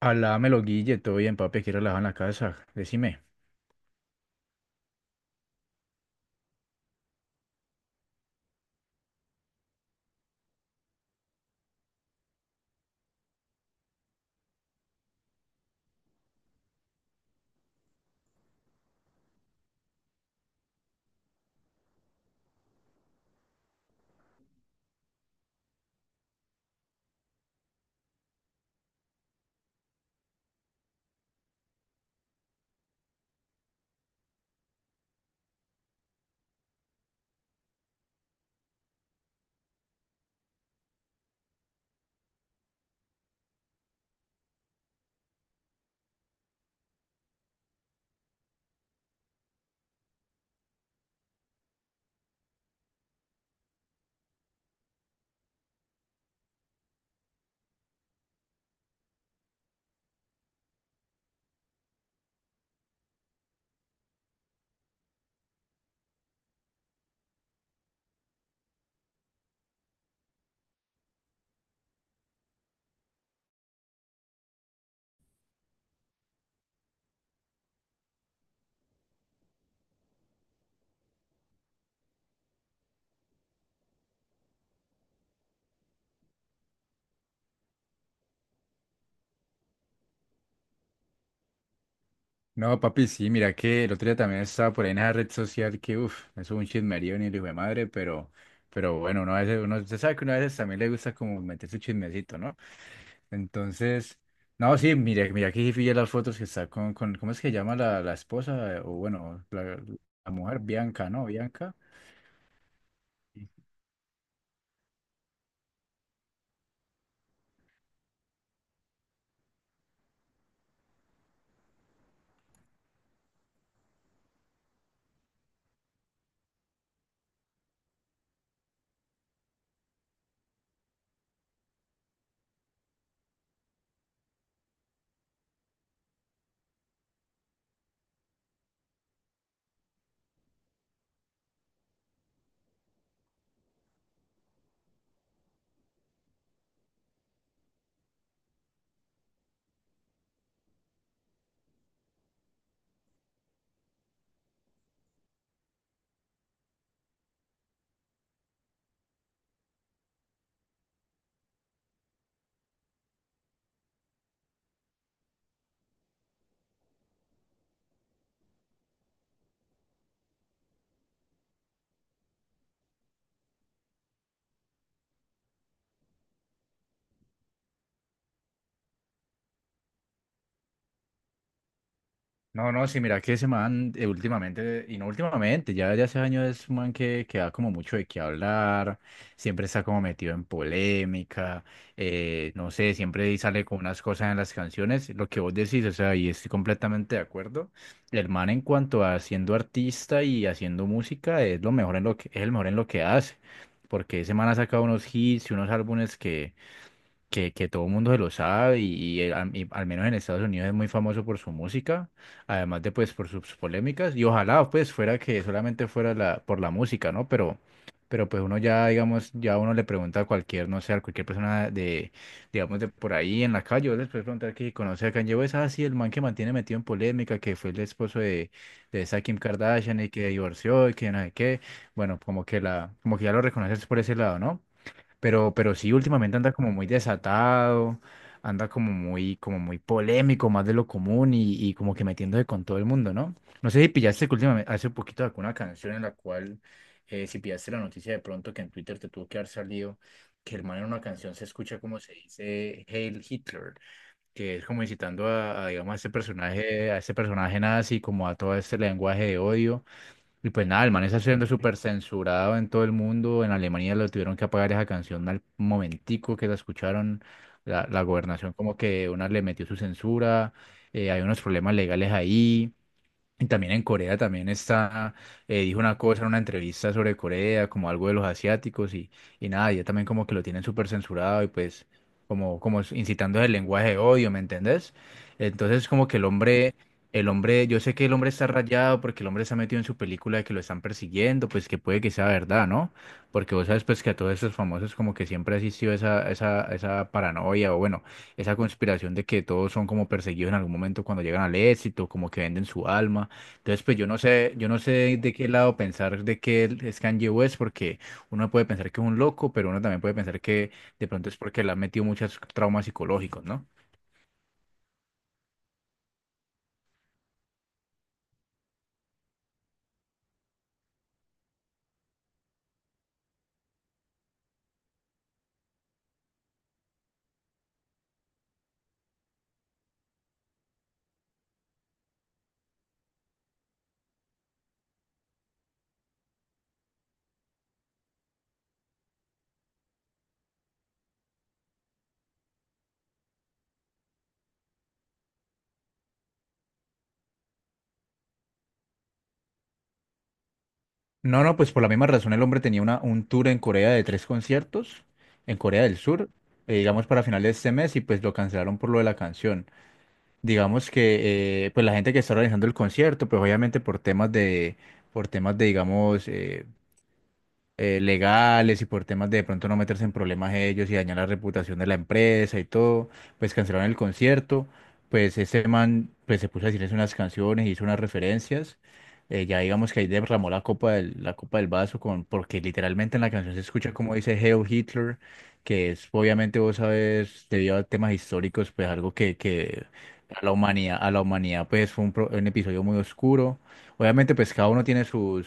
Hablámelo, Guille, todo bien, papi, aquí relajado en la casa, decime. No, papi, sí, mira que el otro día también estaba por ahí en esa red social que, uff, eso es un chismerío ni el hijo de madre, pero bueno, uno a veces, usted sabe que uno a veces también le gusta como meter su chismecito, ¿no? Entonces, no, sí, mira que sí pillé las fotos que está con, ¿cómo es que llama la esposa? O bueno, la mujer, Bianca, ¿no? Bianca. No, no, sí, mira que ese man últimamente, y no últimamente, ya desde hace años es un man que da como mucho de qué hablar, siempre está como metido en polémica, no sé, siempre sale con unas cosas en las canciones, lo que vos decís, o sea, y estoy completamente de acuerdo. El man en cuanto a siendo artista y haciendo música es lo mejor en lo que, es el mejor en lo que hace, porque ese man ha sacado unos hits y unos álbumes que todo el mundo se lo sabe y, y al menos en Estados Unidos es muy famoso por su música, además de pues por sus polémicas y ojalá pues fuera que solamente fuera la, por la música, ¿no? Pero pues uno ya, digamos, ya uno le pregunta a cualquier, no sé, a cualquier persona de, digamos, de por ahí en la calle, yo les puedo preguntar que si conoce a Kanye West, ah, sí, el man que mantiene metido en polémica, que fue el esposo de esa Kim Kardashian y que divorció y que no sé qué, bueno, como que la, como que ya lo reconoces por ese lado, ¿no? Pero sí, últimamente anda como muy desatado, anda como muy polémico, más de lo común y como que metiéndose con todo el mundo, ¿no? No sé si pillaste que últimamente, hace poquito sacó una canción en la cual, si pillaste la noticia de pronto que en Twitter te tuvo que haber salido, que el man en una canción se escucha como se dice Hail Hitler, que es como incitando a, digamos, a ese personaje nazi, como a todo este lenguaje de odio. Y pues nada, el man está siendo súper censurado en todo el mundo. En Alemania lo tuvieron que apagar esa canción al momentico que la escucharon. La gobernación como que una le metió su censura. Hay unos problemas legales ahí. Y también en Corea también está, dijo una cosa en una entrevista sobre Corea, como algo de los asiáticos y nada, ya también como que lo tienen súper censurado y pues como, como incitando el lenguaje de odio, ¿me entendés? Entonces como que el hombre, yo sé que el hombre está rayado porque el hombre se ha metido en su película de que lo están persiguiendo, pues que puede que sea verdad, ¿no? Porque vos sabes pues que a todos esos famosos como que siempre ha existido esa paranoia o bueno, esa conspiración de que todos son como perseguidos en algún momento cuando llegan al éxito, como que venden su alma. Entonces, pues yo no sé de qué lado pensar de que él es Kanye West, porque uno puede pensar que es un loco, pero uno también puede pensar que de pronto es porque le han metido muchos traumas psicológicos, ¿no? No, no, pues por la misma razón el hombre tenía una, un tour en Corea de tres conciertos, en Corea del Sur, digamos para finales de este mes, y pues lo cancelaron por lo de la canción. Digamos que pues la gente que está organizando el concierto, pues obviamente por temas de, digamos, legales y por temas de pronto no meterse en problemas ellos y dañar la reputación de la empresa y todo, pues cancelaron el concierto, pues este man pues se puso a decirles unas canciones, hizo unas referencias, ya digamos que ahí derramó la copa del vaso con, porque literalmente en la canción se escucha como dice Hail Hitler, que es obviamente vos sabes, debido a temas históricos, pues algo que a la humanidad pues fue un, un episodio muy oscuro. Obviamente pues cada uno tiene sus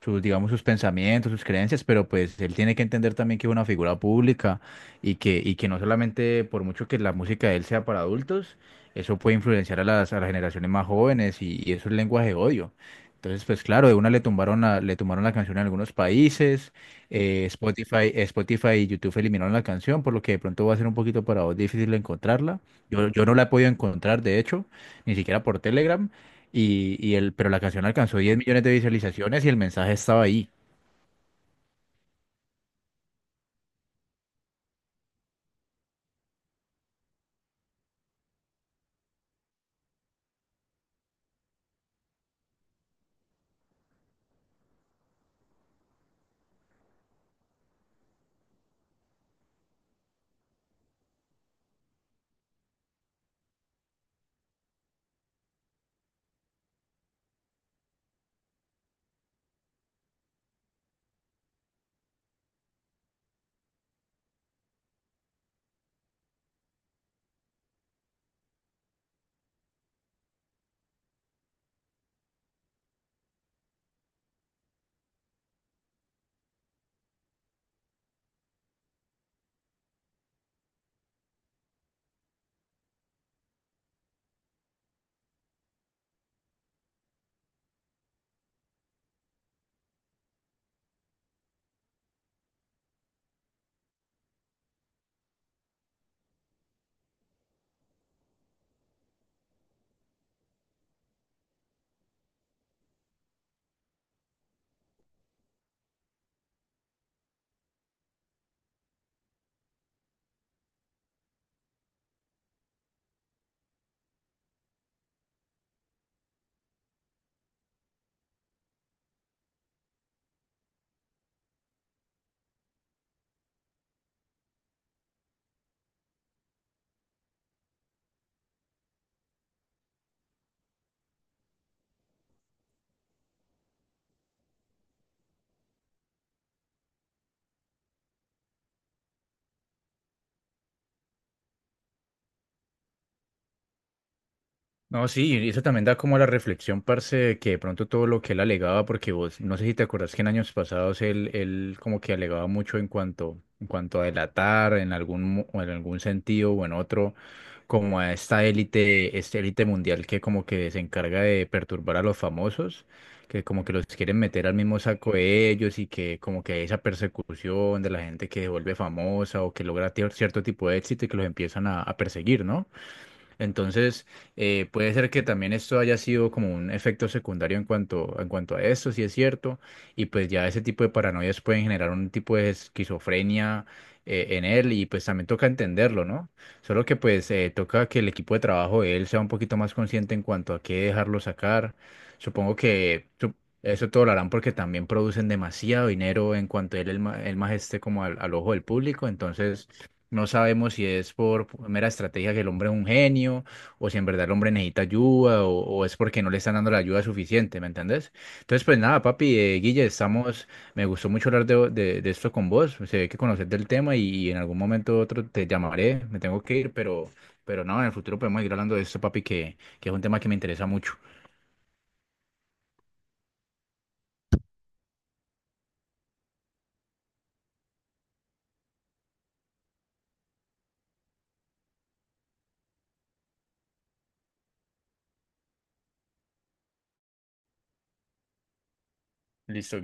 sus, digamos, sus pensamientos, sus creencias, pero pues él tiene que entender también que es una figura pública y que no solamente por mucho que la música de él sea para adultos, eso puede influenciar a las generaciones más jóvenes y eso es lenguaje de odio. Entonces, pues claro, de una le tumbaron la canción en algunos países, Spotify y YouTube eliminaron la canción, por lo que de pronto va a ser un poquito para vos difícil encontrarla. Yo no la he podido encontrar, de hecho, ni siquiera por Telegram, y el, pero la canción alcanzó 10 millones de visualizaciones y el mensaje estaba ahí. No, sí, y eso también da como a la reflexión, parce, de que de pronto todo lo que él alegaba, porque vos, no sé si te acordás que en años pasados él, él como que alegaba mucho en cuanto a delatar, en algún, o en algún sentido o en otro, como a esta élite mundial que como que se encarga de perturbar a los famosos, que como que los quieren meter al mismo saco de ellos y que como que hay esa persecución de la gente que se vuelve famosa o que logra cierto tipo de éxito y que los empiezan a perseguir, ¿no? Entonces, puede ser que también esto haya sido como un efecto secundario en cuanto a esto, si es cierto, y pues ya ese tipo de paranoias pueden generar un tipo de esquizofrenia en él y pues también toca entenderlo, ¿no? Solo que pues toca que el equipo de trabajo de él sea un poquito más consciente en cuanto a qué dejarlo sacar. Supongo que eso todo lo harán porque también producen demasiado dinero en cuanto él, el más esté como al al ojo del público, entonces... No sabemos si es por mera estrategia que el hombre es un genio, o si en verdad el hombre necesita ayuda, o es porque no le están dando la ayuda suficiente, ¿me entendés? Entonces, pues nada, papi, Guille, estamos, me gustó mucho hablar de, de esto con vos, se ve que conoces del tema y en algún momento u otro te llamaré, me tengo que ir, pero no, en el futuro podemos ir hablando de esto, papi, que es un tema que me interesa mucho. Listo.